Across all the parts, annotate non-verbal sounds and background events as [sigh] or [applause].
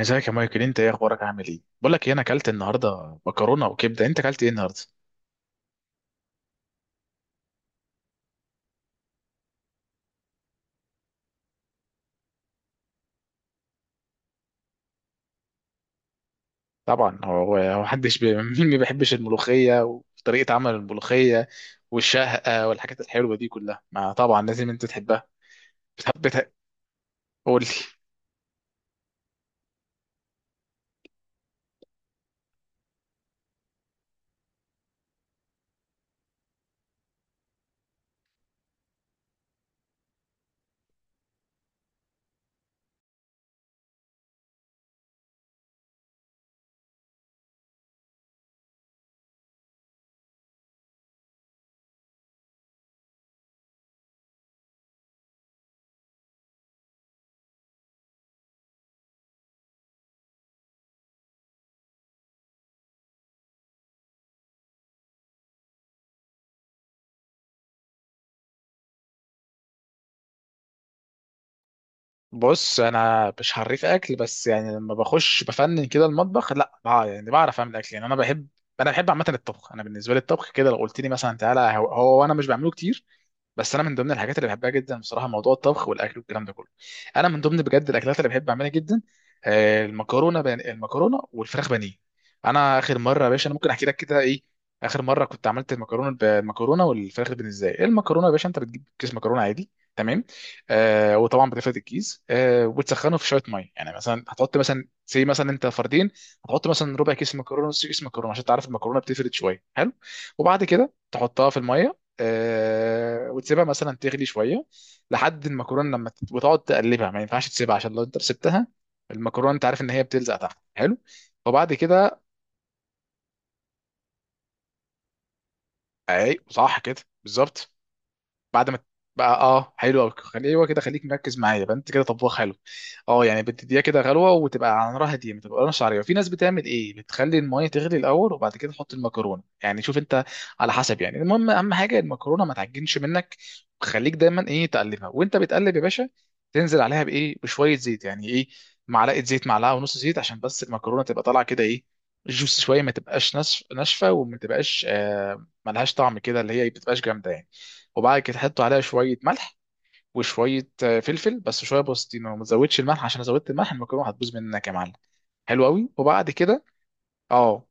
ازيك يا مايكل؟ انت ايه اخبارك؟ عامل ايه؟ بقول لك ايه، انا اكلت النهارده مكرونه وكبده. انت اكلت ايه النهارده؟ طبعا هو هو [laughs] مين ما بيحبش الملوخيه وطريقه عمل الملوخيه والشهقه والحاجات الحلوه دي كلها؟ ما طبعا لازم انت تحبها. بتحب تح- قول لي. بص، انا مش حريف اكل، بس يعني لما بخش بفنن كده المطبخ لا بع- يعني بعرف اعمل اكل. يعني انا بحب، انا بحب عامه الطبخ. انا بالنسبه لي الطبخ كده لو قلت لي مثلا تعالى، هو, هو انا مش بعمله كتير، بس انا من ضمن الحاجات اللي بحبها جدا بصراحه، موضوع الطبخ والاكل والكلام ده كله. انا من ضمن بجد الاكلات اللي بحب اعملها جدا، آه، المكرونه والفراخ بانيه. انا اخر مره يا باشا، انا ممكن احكي لك كده ايه. اخر مره كنت عملت المكرونه والفراخ بانيه. ازاي المكرونه يا باشا؟ انت بتجيب كيس مكرونه عادي، تمام، آه، وطبعا بتفرد الكيس، آه، وبتسخنه في شويه ميه، يعني مثلا هتحط مثلا زي مثلا انت فردين، هتحط مثلا ربع كيس مكرونه، نص كيس مكرونه عشان تعرف المكرونه بتفرد شويه. حلو. وبعد كده تحطها في الميه، آه، وتسيبها مثلا تغلي شويه لحد المكرونه وتقعد تقلبها. ما ينفعش تسيبها عشان لو انت سبتها المكرونه، انت عارف ان هي بتلزق تحت. حلو، وبعد كده اي صح كده بالظبط. بعد ما بقى اه حلو قوي. ايوه كده، خليك مركز معايا بقى، انت كده طباخ حلو. اه يعني بتديها كده غلوه وتبقى على نار هاديه ما تبقاش عريضه. في ناس بتعمل ايه، بتخلي الميه تغلي الاول وبعد كده تحط المكرونه، يعني شوف انت على حسب، يعني المهم اهم حاجه المكرونه ما تعجنش منك. خليك دايما ايه تقلبها، وانت بتقلب يا باشا تنزل عليها بايه، بشويه زيت، يعني ايه، معلقه زيت، معلقه ونص زيت عشان بس المكرونه تبقى طالعه كده ايه، جوس شويه، ما ناشفه، وما تبقاش آه ملهاش طعم كده، اللي هي بتبقاش جامده يعني. وبعد كده تحطوا عليها شويه ملح وشويه آه، فلفل، بس شويه بوستينو، ما تزودش الملح عشان لو زودت الملح المكرونه هتبوظ منك يا معلم. حلو قوي. وبعد كده اه.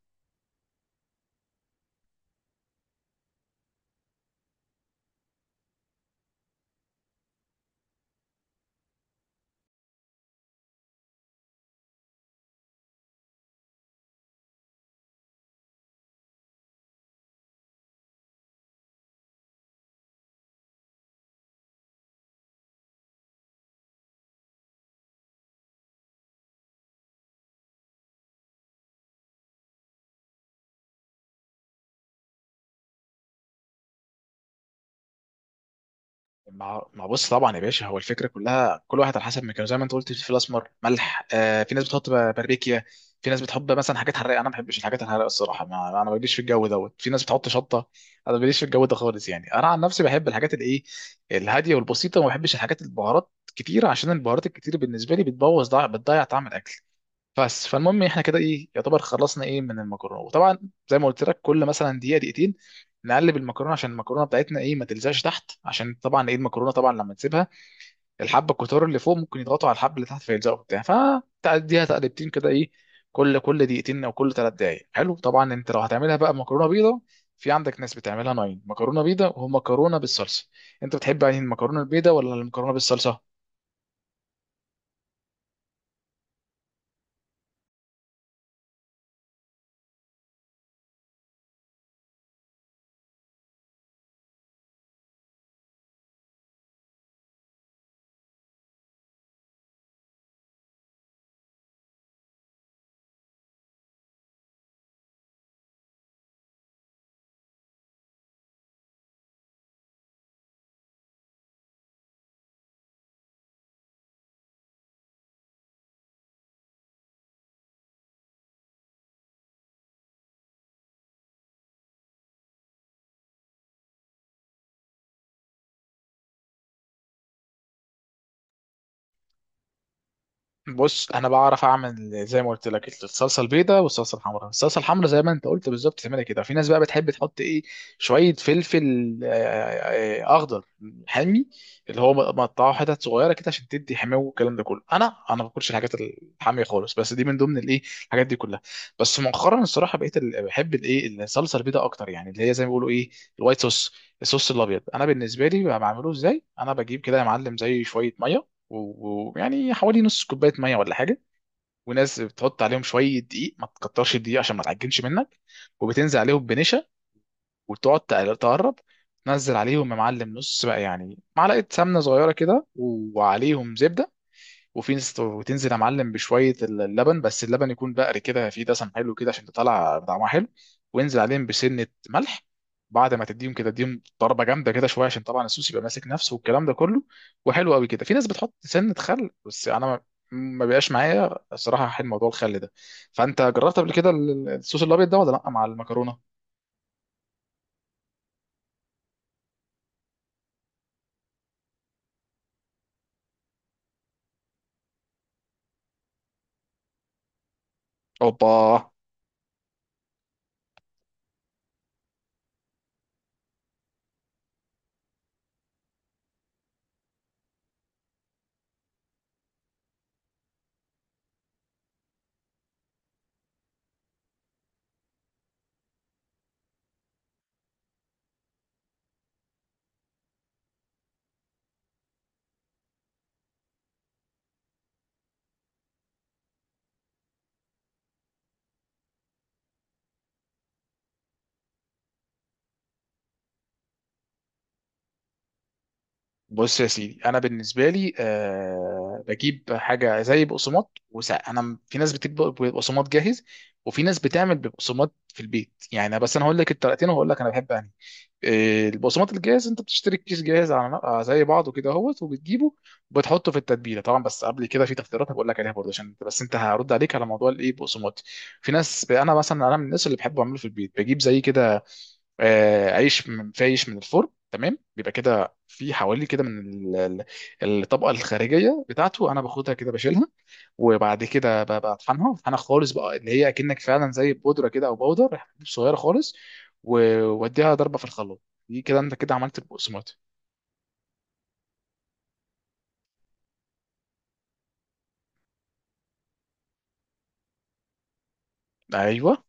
مع بص، طبعا يا باشا هو الفكره كلها كل واحد على حسب مكانه. زي ما انت قلت فلفل اسمر، ملح، آه، في ناس باربيكيا، في ناس بتحط مثلا حاجات حراقه. انا ما بحبش الحاجات الحراقه الصراحه، ما انا ماليش في الجو دوت. في ناس بتحط شطه، انا ماليش في الجو ده خالص. يعني انا عن نفسي بحب الحاجات الايه الهاديه والبسيطه، وما بحبش الحاجات البهارات كتير، عشان البهارات الكتير بالنسبه لي بتضيع طعم الاكل. بس فالمهم احنا كده ايه يعتبر خلصنا ايه من المكرونه. وطبعا زي ما قلت لك كل مثلا دقيقه دقيقتين نقلب المكرونه عشان المكرونه بتاعتنا ايه ما تلزقش تحت، عشان طبعا ايه المكرونه طبعا لما تسيبها الحبه الكتار اللي فوق ممكن يضغطوا على الحبه اللي تحت فيلزقوا بتاع، فتعديها تقلبتين كده ايه كل دقيقتين او كل 3 دقائق. حلو. طبعا انت لو هتعملها بقى مكرونه بيضه، في عندك ناس بتعملها ناين مكرونه بيضه ومكرونه بالصلصه. انت بتحب يعني المكرونه البيضه ولا المكرونه بالصلصه؟ بص انا بعرف اعمل، زي ما قلت لك، الصلصه البيضاء والصلصه الحمراء. الصلصه الحمراء زي ما انت قلت بالظبط تعملها كده. في ناس بقى بتحب تحط ايه شويه فلفل آه، آه، اخضر حامي اللي هو مقطعه حتت صغيره كده عشان تدي حماوه والكلام ده كله. انا ما باكلش الحاجات الحاميه خالص، بس دي من ضمن الايه الحاجات دي كلها. بس مؤخرا الصراحه بحب الايه الصلصه البيضاء اكتر، يعني اللي هي زي ما بيقولوا ايه الوايت صوص. الصوص الابيض انا بالنسبه لي بعمله ازاي؟ انا بجيب كده يا معلم زي شويه ميه، ويعني حوالي نص كوبايه ميه ولا حاجه. وناس بتحط عليهم شويه دقيق، ما تكترش الدقيق عشان ما تعجنش منك. وبتنزل عليهم بنشا، تقرب تنزل عليهم يا معلم نص بقى، يعني معلقه سمنه صغيره كده وعليهم زبده. وفي ناس وتنزل يا معلم بشويه اللبن، بس اللبن يكون بقري كده فيه دسم حلو كده عشان تطلع طعمها حلو. وانزل عليهم بسنه ملح. بعد ما تديهم كده اديهم ضربه جامده كده شويه عشان طبعا الصوص يبقى ماسك نفسه والكلام ده كله. وحلو قوي كده. في ناس بتحط سنه خل بس انا، ما ما بيبقاش معايا الصراحه حل موضوع الخل ده. فانت جربت قبل كده الصوص الابيض ده ولا لا مع المكرونه؟ اوبا. بص يا سيدي، انا بالنسبه لي أه بجيب حاجه زي بقسماط، وساعة انا في ناس بتجيب بقسماط جاهز وفي ناس بتعمل بقسماط في البيت. يعني أنا بس انا هقول لك الطريقتين وهقول لك انا بحب انهي. آه، البقسماط الجاهز انت بتشتري الكيس جاهز آه، زي بعضه كده اهوت وبتجيبه وبتحطه في التتبيله طبعا. بس قبل كده في تفطيرات هقول لك عليها برضه، عشان انت بس انت هرد عليك على موضوع الايه بقسماط. في ناس، انا مثلا انا من الناس اللي بحب اعمله في البيت، بجيب زي كده آه، عيش في عيش من الفرن تمام. بيبقى كده في حوالي كده من ال- الطبقه الخارجيه بتاعته انا باخدها كده بشيلها، وبعد كده بطحنها، بطحنها خالص بقى اللي هي اكنك فعلا زي بودره كده او باودر حتت صغيره خالص، و- واديها ضربه في الخلاط. دي كده انت كده عملت البقسماط. ايوه.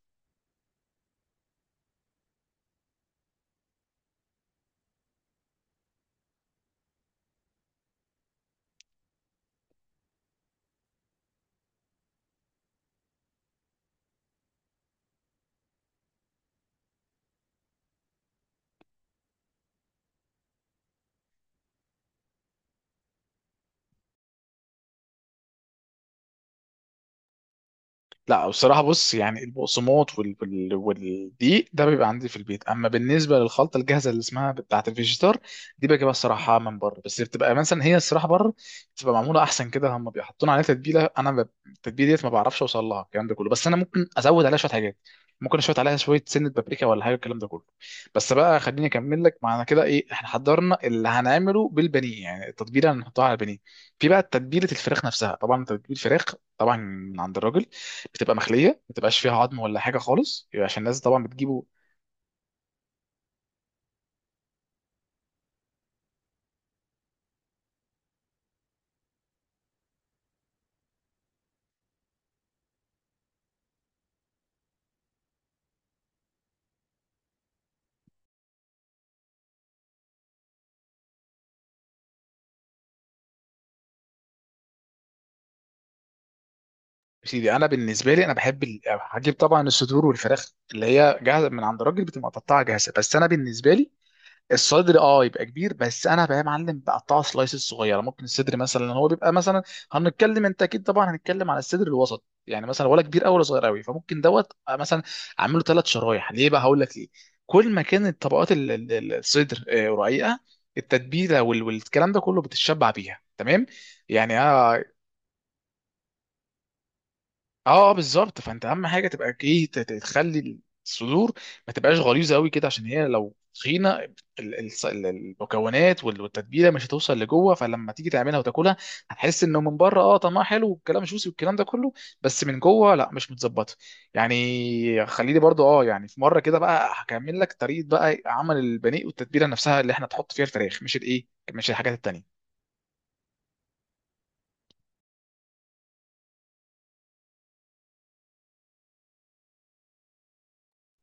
لا بصراحة، بص يعني البقسماط والدقيق ده بيبقى عندي في البيت. أما بالنسبة للخلطة الجاهزة اللي اسمها بتاعة الفيجيتار، دي بجيبها الصراحة من بره. بس بتبقى مثلا هي الصراحة بره بتبقى معمولة أحسن كده، هم بيحطون عليها تتبيلة. أنا التتبيلة ديت ما بعرفش أوصل لها الكلام ده كله. بس أنا ممكن أزود عليها شوية حاجات، ممكن اشوط عليها شويه سنه بابريكا ولا حاجه الكلام ده كله. بس بقى خليني اكمل لك معنا كده ايه احنا حضرنا اللي هنعمله بالبانيه، يعني التتبيله اللي هنحطها على البانيه. في بقى تتبيله الفراخ نفسها. طبعا تتبيله الفراخ طبعا من عند الراجل بتبقى مخليه، ما بتبقاش فيها عظم ولا حاجه خالص يبقى، عشان الناس طبعا بتجيبه. يا سيدي انا بالنسبه لي انا بحب هجيب طبعا الصدور والفراخ اللي هي جاهزه من عند الراجل بتبقى متقطعه جاهزه. بس انا بالنسبه لي الصدر اه يبقى كبير، بس انا بقى يا معلم بقطعه سلايسز صغيره. ممكن الصدر مثلا هو بيبقى مثلا، هنتكلم انت اكيد طبعا هنتكلم على الصدر الوسط يعني، مثلا ولا كبير قوي ولا صغير قوي، فممكن دوت مثلا اعمله 3 شرايح. ليه بقى؟ هقول لك ليه. كل ما كانت طبقات الصدر آه، رقيقه، التتبيله والكلام ده كله بتتشبع بيها تمام يعني. اه آه، بالظبط. فانت اهم حاجه تبقى ايه تخلي الصدور ما تبقاش غليظه قوي كده، عشان هي لو تخينه المكونات والتتبيله مش هتوصل لجوه. فلما تيجي تعملها وتاكلها هتحس انه من بره اه طعمها حلو والكلام جوسي والكلام ده كله، بس من جوه لا مش متظبطه يعني. خليني برضو اه يعني في مره كده بقى هكمل لك طريقه بقى عمل البانيه والتتبيله نفسها اللي احنا تحط فيها الفراخ، مش الايه، مش الحاجات التانيه.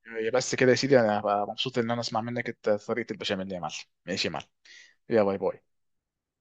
هي بس كده يا سيدي انا هبقى مبسوط ان انا اسمع منك طريقه البشاميل يا معلم. ماشي يا معلم. يلا باي باي.